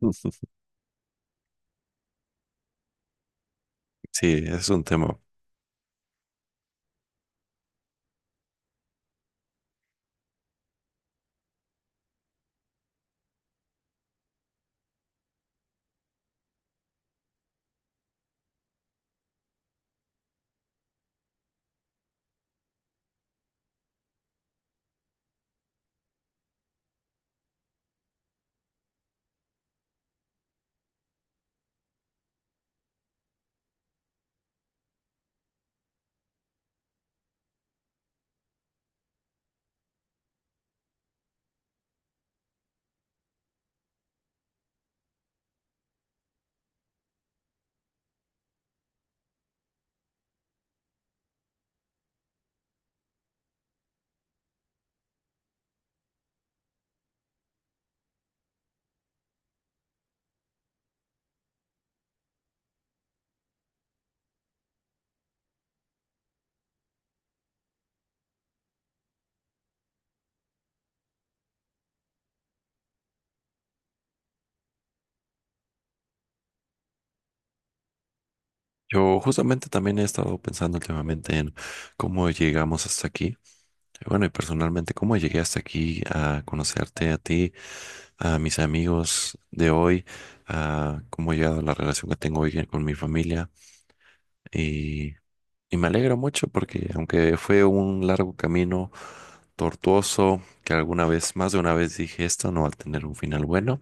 Sí, es un tema. Yo justamente también he estado pensando últimamente en cómo llegamos hasta aquí. Bueno, y personalmente, cómo llegué hasta aquí a conocerte a ti, a mis amigos de hoy, a cómo he llegado a la relación que tengo hoy con mi familia. Y me alegro mucho porque aunque fue un largo camino tortuoso, que alguna vez, más de una vez dije esto no va a tener un final bueno,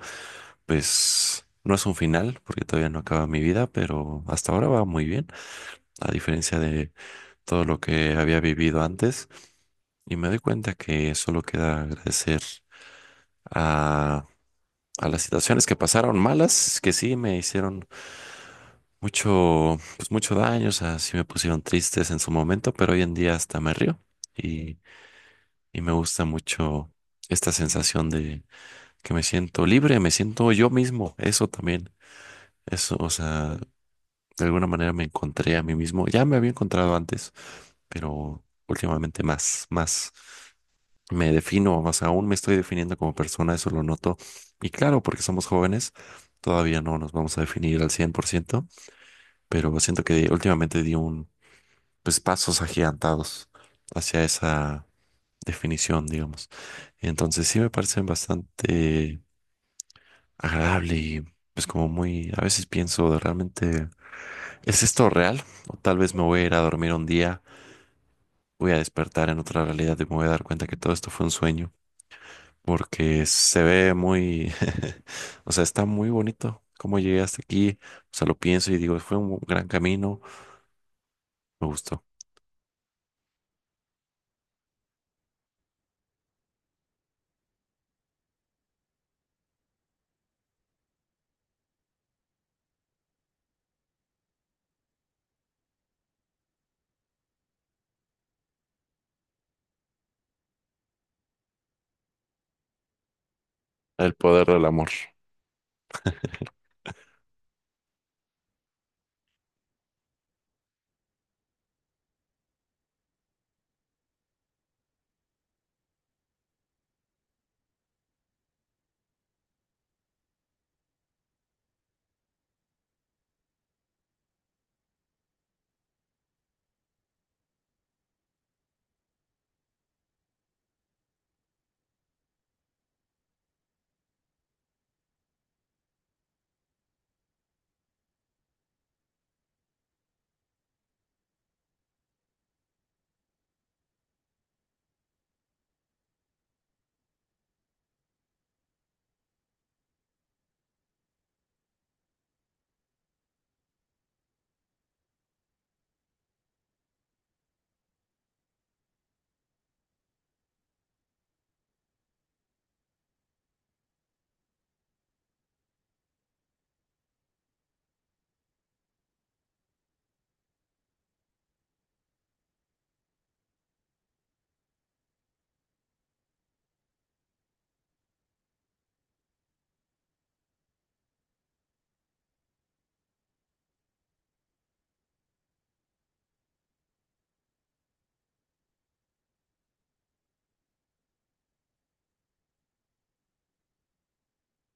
pues no es un final porque todavía no acaba mi vida, pero hasta ahora va muy bien, a diferencia de todo lo que había vivido antes. Y me doy cuenta que solo queda agradecer a, a las situaciones que pasaron malas, que sí me hicieron mucho, pues mucho daño, o sea, sí me pusieron tristes en su momento, pero hoy en día hasta me río. y y me gusta mucho esta sensación de que me siento libre, me siento yo mismo, eso también, eso, o sea, de alguna manera me encontré a mí mismo, ya me había encontrado antes, pero últimamente más me defino, más aún me estoy definiendo como persona, eso lo noto, y claro, porque somos jóvenes, todavía no nos vamos a definir al 100%, pero siento que últimamente pues, pasos agigantados hacia esa definición, digamos. Entonces sí me parecen bastante agradable y pues como muy, a veces pienso de realmente, ¿es esto real? O tal vez me voy a ir a dormir un día, voy a despertar en otra realidad y me voy a dar cuenta que todo esto fue un sueño, porque se ve muy, o sea, está muy bonito cómo llegué hasta aquí, o sea, lo pienso y digo, fue un gran camino, me gustó. El poder del amor.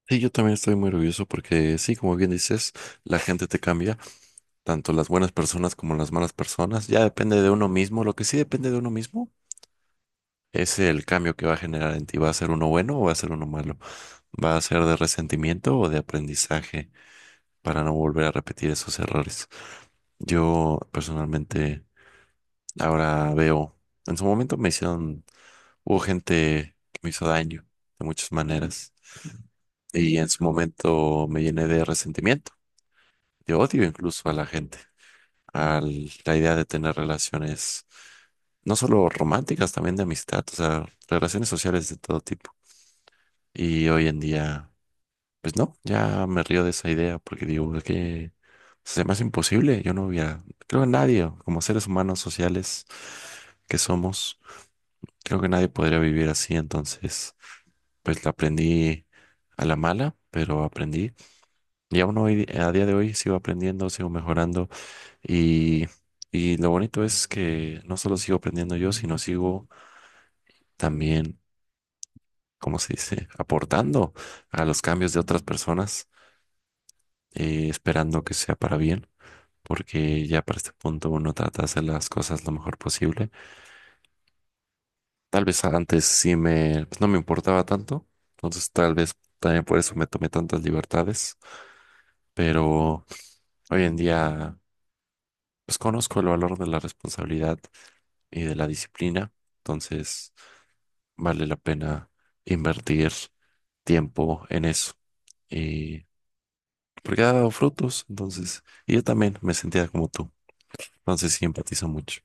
Sí, yo también estoy muy orgulloso porque sí, como bien dices, la gente te cambia. Tanto las buenas personas como las malas personas. Ya depende de uno mismo. Lo que sí depende de uno mismo es el cambio que va a generar en ti. ¿Va a ser uno bueno o va a ser uno malo? ¿Va a ser de resentimiento o de aprendizaje para no volver a repetir esos errores? Yo personalmente ahora veo, en su momento me hicieron, hubo gente que me hizo daño de muchas maneras y en su momento me llené de resentimiento, de odio incluso a la gente. A la idea de tener relaciones, no solo románticas, también de amistad, o sea, relaciones sociales de todo tipo. Y hoy en día, pues no, ya me río de esa idea porque digo "Es que se me hace imposible. Yo no hubiera, creo que nadie, como seres humanos sociales que somos, creo que nadie podría vivir así. Entonces, pues la aprendí a la mala, pero aprendí. Y aún hoy, a día de hoy, sigo aprendiendo, sigo mejorando. Y, y lo bonito es que no solo sigo aprendiendo yo, sino sigo también, ¿cómo se dice?, aportando a los cambios de otras personas, esperando que sea para bien, porque ya para este punto uno trata de hacer las cosas lo mejor posible. Tal vez antes sí me, pues, no me importaba tanto, entonces tal vez también por eso me tomé tantas libertades, pero hoy en día pues conozco el valor de la responsabilidad y de la disciplina, entonces vale la pena invertir tiempo en eso. Y porque ha dado frutos, entonces, y yo también me sentía como tú, entonces sí empatizo mucho.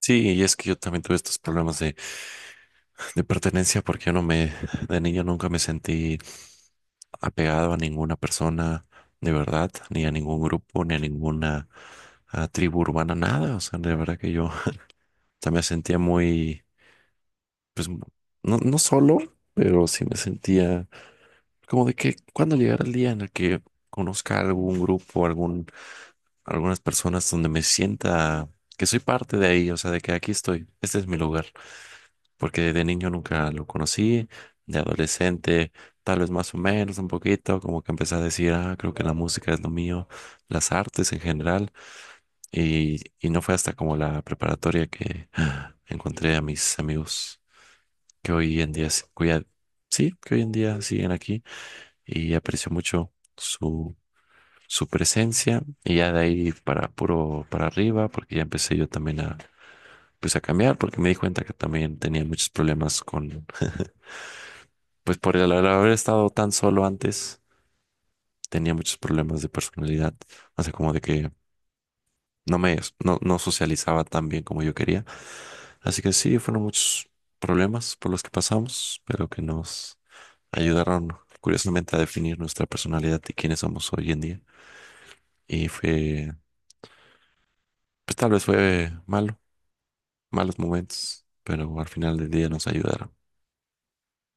Sí, y es que yo también tuve estos problemas de pertenencia porque yo no me, de niño nunca me sentí apegado a ninguna persona de verdad, ni a ningún grupo, ni a ninguna ah, tribu urbana, nada. O sea, de verdad que yo también me sentía muy, pues, no, no solo, pero sí me sentía como de que cuando llegara el día en el que conozca algún grupo, algún, algunas personas donde me sienta que soy parte de ahí, o sea, de que aquí estoy, este es mi lugar, porque de niño nunca lo conocí, de adolescente, tal vez más o menos un poquito, como que empecé a decir, ah, creo que la música es lo mío, las artes en general, y no fue hasta como la preparatoria que ah, encontré a mis amigos que hoy en día, cuya, sí, que hoy en día siguen aquí y aprecio mucho. Su su presencia y ya de ahí para puro para arriba, porque ya empecé yo también a pues a cambiar porque me di cuenta que también tenía muchos problemas con pues por el al haber estado tan solo antes tenía muchos problemas de personalidad, o sea, como de que no me no, no socializaba tan bien como yo quería, así que sí, fueron muchos problemas por los que pasamos, pero que nos ayudaron curiosamente a definir nuestra personalidad y quiénes somos hoy en día y fue pues tal vez fue malo malos momentos, pero al final del día nos ayudaron.